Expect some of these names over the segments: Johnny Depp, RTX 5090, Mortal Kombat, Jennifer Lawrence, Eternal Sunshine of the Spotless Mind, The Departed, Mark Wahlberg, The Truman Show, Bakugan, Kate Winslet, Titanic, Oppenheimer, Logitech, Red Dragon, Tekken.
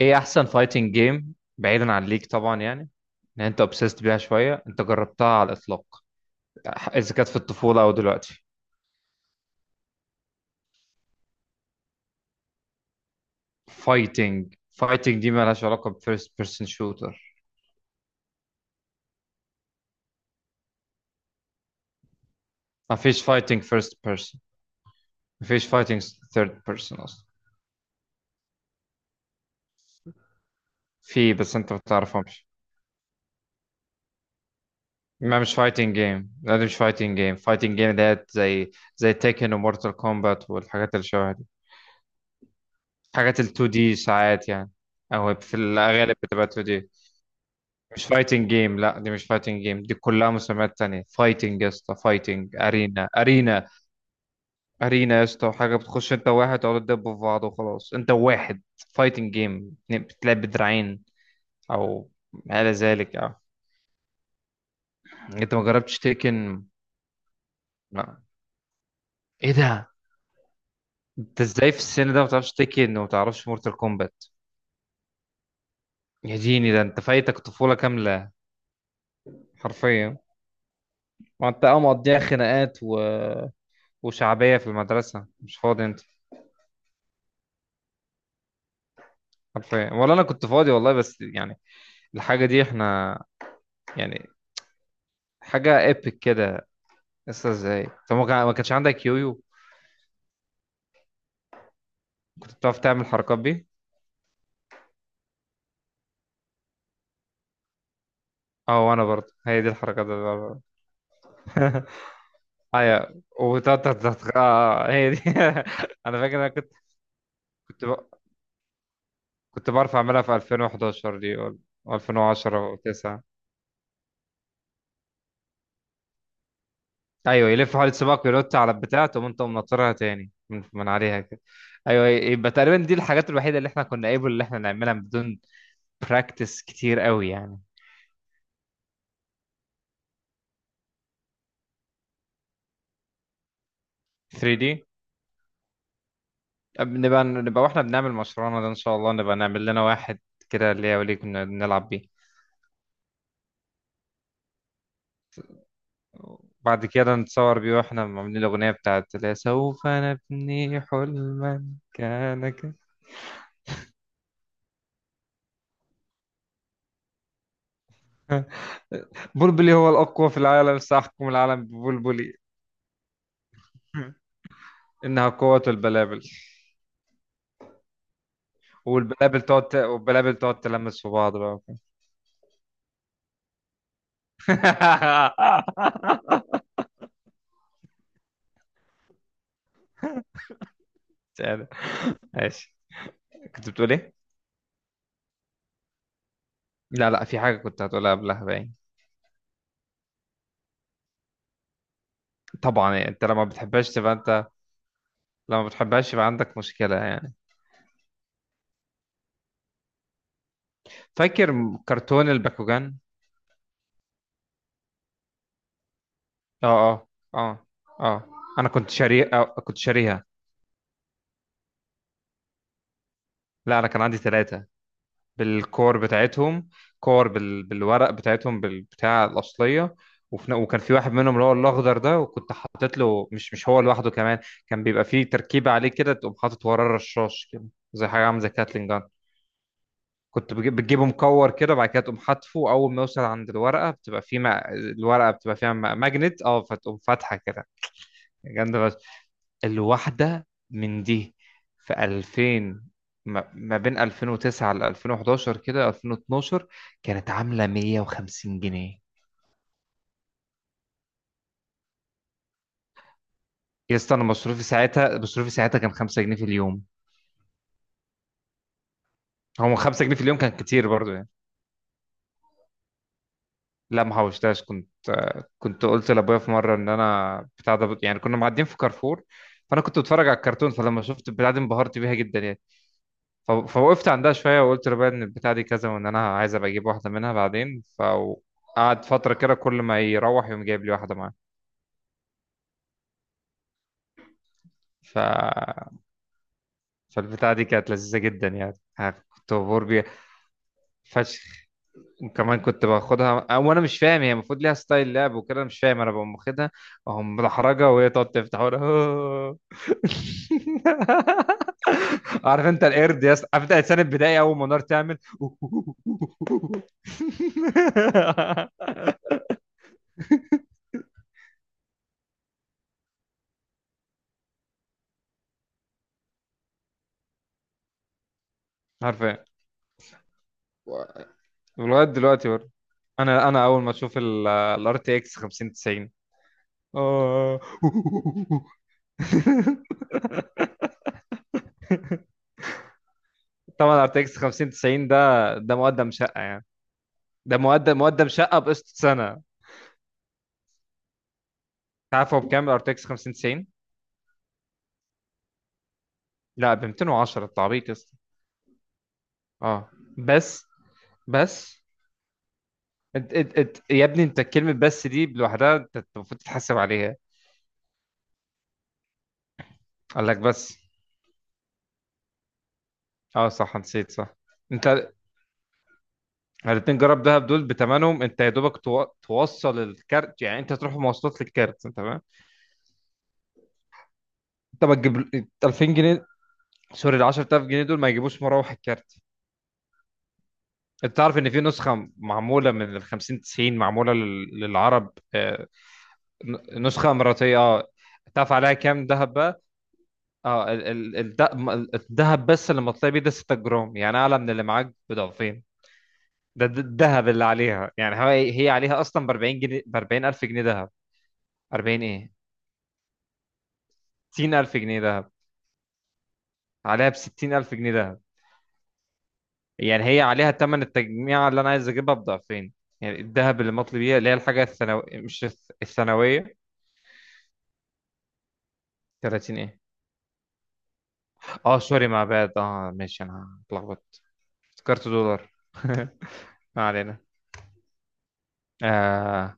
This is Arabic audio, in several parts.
ايه احسن فايتنج جيم بعيدا عن ليك، طبعا يعني ان انت اوبسيست بيها شويه. انت جربتها على الاطلاق؟ اذا كانت في الطفوله او دلوقتي؟ فايتنج دي مالهاش علاقه بفيرست بيرسون شوتر. مفيش فايتنج فيرست بيرسون، مفيش فايتنج ثيرد بيرسون اصلا. في، بس انت ما بتعرفهمش. ما مش فايتنج جيم، لا، دي مش فايتنج جيم. فايتنج جيم ديت، زي تيكن ومورتال كومبات والحاجات اللي شبه دي، حاجات ال 2D دي ساعات يعني، او في الغالب بتبقى 2D دي. مش فايتنج جيم، لا، دي مش فايتنج جيم، دي كلها مسميات تانية. فايتنج يا اسطى، فايتنج ارينا. ارينا يا اسطى، حاجة بتخش انت وواحد تقعدوا تدبوا في بعض وخلاص، انت وواحد. فايتنج جيم بتلعب بدراعين او ما الى ذلك. اه. انت ما جربتش تيكن؟ لا، ايه ده، انت ازاي في السن ده ما بتعرفش تيكن وما بتعرفش مورتال كومبات؟ يا ديني، ده انت فايتك طفولة كاملة، حرفيا. ما انت مقضيها خناقات وشعبية في المدرسة، مش فاضي انت. حرفيا، ولا انا كنت فاضي والله، بس يعني الحاجه دي احنا يعني حاجه ايبك كده لسه، ازاي؟ طب ما كانش عندك يويو؟ كنت بتعرف تعمل حركات بيه؟ اه، وانا برضه هي دي الحركات اللي بعملها. ايوه، وتقعد تت- اه آه، هي دي. انا فاكر انا كنت ب... كنت بعرف اعملها في 2011 دي، ولا 2010 و9؟ ايوه يلف حوالي سباق وينط على البتاع، تقوم انت منطرها تاني من عليها كده. ايوه، يبقى تقريبا دي الحاجات الوحيده اللي احنا كنا قابل اللي احنا نعملها بدون براكتس كتير قوي يعني. 3D. نبقى واحنا بنعمل مشروعنا ده ان شاء الله، نبقى نعمل لنا واحد كده ليا وليك، نلعب بيه. بعد كده نتصور بيه واحنا عاملين الاغنيه بتاعت اللي هي سوف نبني حلما. كان ك- بلبلي هو الاقوى في العالم، ساحكم العالم ببلبلي. انها قوه البلابل. والبلابل تقعد تلمس في بعض بقى. ماشي، كنت بتقول ايه؟ لا في حاجه كنت هتقولها قبلها باين. طبعا يعني انت لما بتحبهاش تبقى انت، لما بتحبهاش يبقى عندك مشكلة يعني. فاكر كرتون الباكوجان؟ اه اه اه اه، انا كنت شاري آه كنت شاريها. لا، انا كان عندي ثلاثة بالكور بتاعتهم، بالورق بتاعتهم، بالبتاع الأصلية. وكان في واحد منهم اللي هو الأخضر ده، وكنت حاطط له، مش هو لوحده كمان، كان بيبقى فيه تركيبة عليه كده، تقوم حاطط وراه رشاش كده، زي حاجة عاملة زي كاتلين جان. كنت بجيب بتجيبه مكور كده، بعد كده تقوم حاطفه، اول ما يوصل عند الورقه بتبقى فيه ما... الورقه بتبقى فيها ماجنت، اه، فتقوم فاتحه كده. جامده بس. الواحده من دي في 2000، ما بين 2009 ل 2011 كده 2012، كانت عامله 150 جنيه. يا اسطى انا مصروفي ساعتها كان 5 جنيه في اليوم. هو 5 جنيه في اليوم كان كتير برضه. لا، ما حوشتهاش. كنت قلت لابويا في مره ان انا بتاع ده يعني. كنا معديين في كارفور، فانا كنت بتفرج على الكرتون، فلما شفت البتاع دي انبهرت بيها جدا يعني. فوقفت عندها شويه وقلت لابويا ان البتاع دي كذا، وان انا عايز ابقى اجيب واحده منها بعدين. فقعد فتره كده كل ما يروح يقوم جايب لي واحده معاه. ف... فالبتاع دي كانت لذيذه جدا يعني، ها، كنت مبهور بيها فشخ. وكمان كنت باخدها أه، وانا مش فاهم هي المفروض ليها ستايل لعب وكده، أنا مش فاهم، انا بقوم واخدها، اقوم محرجه وهي تقعد تفتح وانا. عارف انت القرد يا اسطى، عارف انت الانسان البدائي اول ما النار تعمل. عارفين. ولغايه دلوقتي برضه، انا اول ما اشوف الار تي اكس 5090. آه. طبعا ار تي اكس 5090 ده، مقدم شقه يعني، ده مقدم شقه بقسط سنه. عارف هو بكام الار تي اكس 5090؟ لا، ب 210، انت عبيط يا اسطى. اه بس بس انت يا ابني، انت كلمة بس دي لوحدها انت المفروض تتحاسب عليها. قال لك بس. اه صح نسيت، صح. انت الاتنين جراب دهب دول بتمنهم انت يا دوبك توصل الكارت يعني، انت تروح مواصلات للكارت، انت تمام. انت ما تجيب ال 2000 جنيه، سوري، ال 10,000 جنيه دول ما يجيبوش مراوح الكارت. انت تعرف ان في نسخة معمولة من ال 50 90 معمولة للعرب آه، نسخة مرتين، اه. تعرف عليها كام ذهب بقى؟ اه الذهب بس اللي مطلع بيه ده 6 جرام يعني، اعلى من اللي معاك بضعفين. ده الذهب اللي عليها يعني. هي عليها اصلا ب 40 جنيه ب 40 الف جنيه ذهب. 40 ايه، 60 الف جنيه ذهب، عليها ب 60 الف جنيه ذهب. يعني هي عليها ثمن التجميع اللي انا عايز اجيبها بضعفين، يعني الذهب اللي مطلوب بيه اللي هي الحاجة الثانوية مش الثانوية. 30 ايه. اه سوري مع بعض، اه ماشي انا اتلخبطت، افتكرت دولار. ما علينا. آه.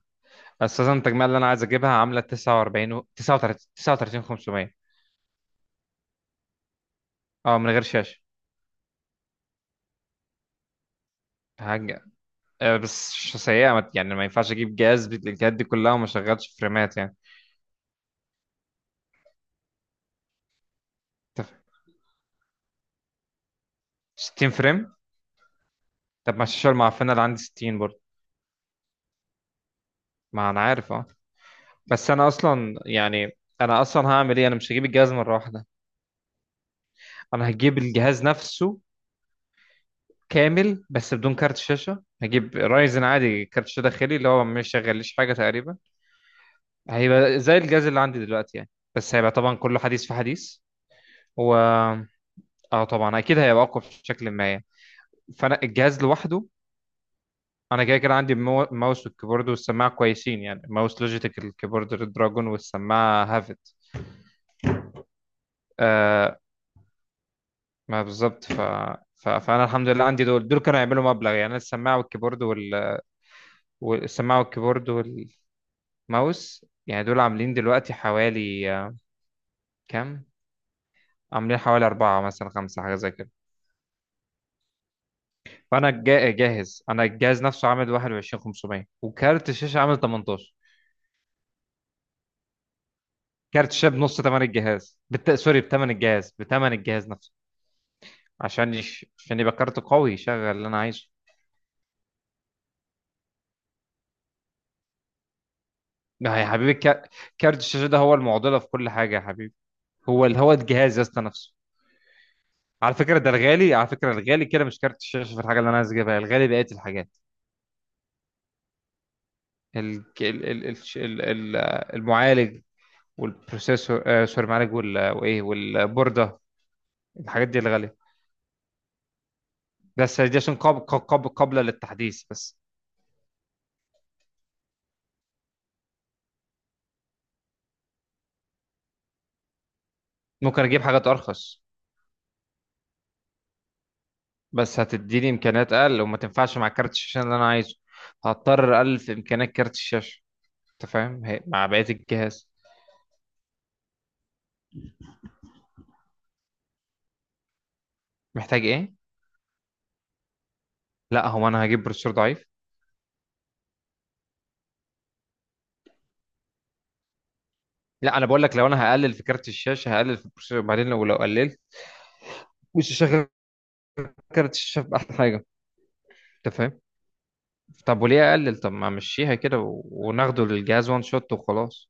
اساسا التجميع اللي انا عايز اجيبها عامله 39 500، اه، من غير شاشه. حاجه آه، بس سيئه، يعني ما ينفعش اجيب جهاز بالامكانيات دي كلها وما شغلش فريمات يعني. أنت فاهم؟ 60 فريم. طب ما الشاشه المعفنه اللي عندي 60 برضه. ما انا عارف، اه. بس انا اصلا هعمل ايه، انا مش هجيب الجهاز مره واحده، انا هجيب الجهاز نفسه كامل بس بدون كارت شاشه، هجيب رايزن عادي كارت شاشه داخلي اللي هو ما يشغليش حاجه تقريبا، هيبقى زي الجهاز اللي عندي دلوقتي يعني، بس هيبقى طبعا كل حديث في حديث. و اه طبعا اكيد هيبقى اقوى بشكل ما يعني. فانا الجهاز لوحده، انا كده عندي الماوس والكيبورد والسماعه كويسين يعني، ماوس لوجيتك، الكيبورد ريد دراجون، والسماعه هافت. آه، ما بالظبط. فانا الحمد لله عندي دول كانوا يعملوا مبلغ يعني. أنا والسماعه والكيبورد والماوس يعني دول عاملين دلوقتي حوالي آه، كام، عاملين حوالي أربعة مثلا خمسة، حاجة زي كده. فانا جاهز، انا الجهاز نفسه عامل 21,500، وكارت الشاشه عامل 18. كارت الشاشه بنص ثمن الجهاز، بت... سوري بثمن الجهاز، بثمن الجهاز نفسه. عشان يبقى كارت قوي يشغل اللي انا عايزه. ما هي يا حبيبي، كارت الشاشه ده هو المعضله في كل حاجه يا حبيبي، هو الجهاز يا اسطى نفسه. على فكره ده الغالي، على فكره الغالي كده مش كارت الشاشه في الحاجه اللي انا عايز اجيبها، الغالي بقيه الحاجات. ال... ال... ال... ال... ال... ال- المعالج والبروسيسور آه سوري المعالج وايه والبورده. الحاجات دي الغاليه، بس دي عشان قابلة للتحديث بس. ممكن اجيب حاجات ارخص، بس هتديني امكانيات اقل وما تنفعش مع كارت الشاشة اللي انا عايزه. هضطر الف امكانيات كارت الشاشة انت فاهم، مع بقية الجهاز. محتاج ايه؟ لا، هو انا هجيب بروسيسور ضعيف. لا، انا بقول لك لو انا هقلل في كارت الشاشة هقلل في البروسيسور بعدين، لو قللت مش هشغل كارت الشاشة باحلى حاجة. انت فاهم؟ طب وليه اقلل؟ طب ما امشيها كده وناخده للجهاز وان شوت وخلاص.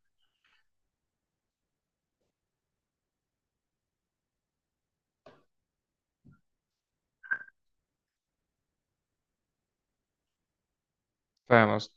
فاهم قصدي.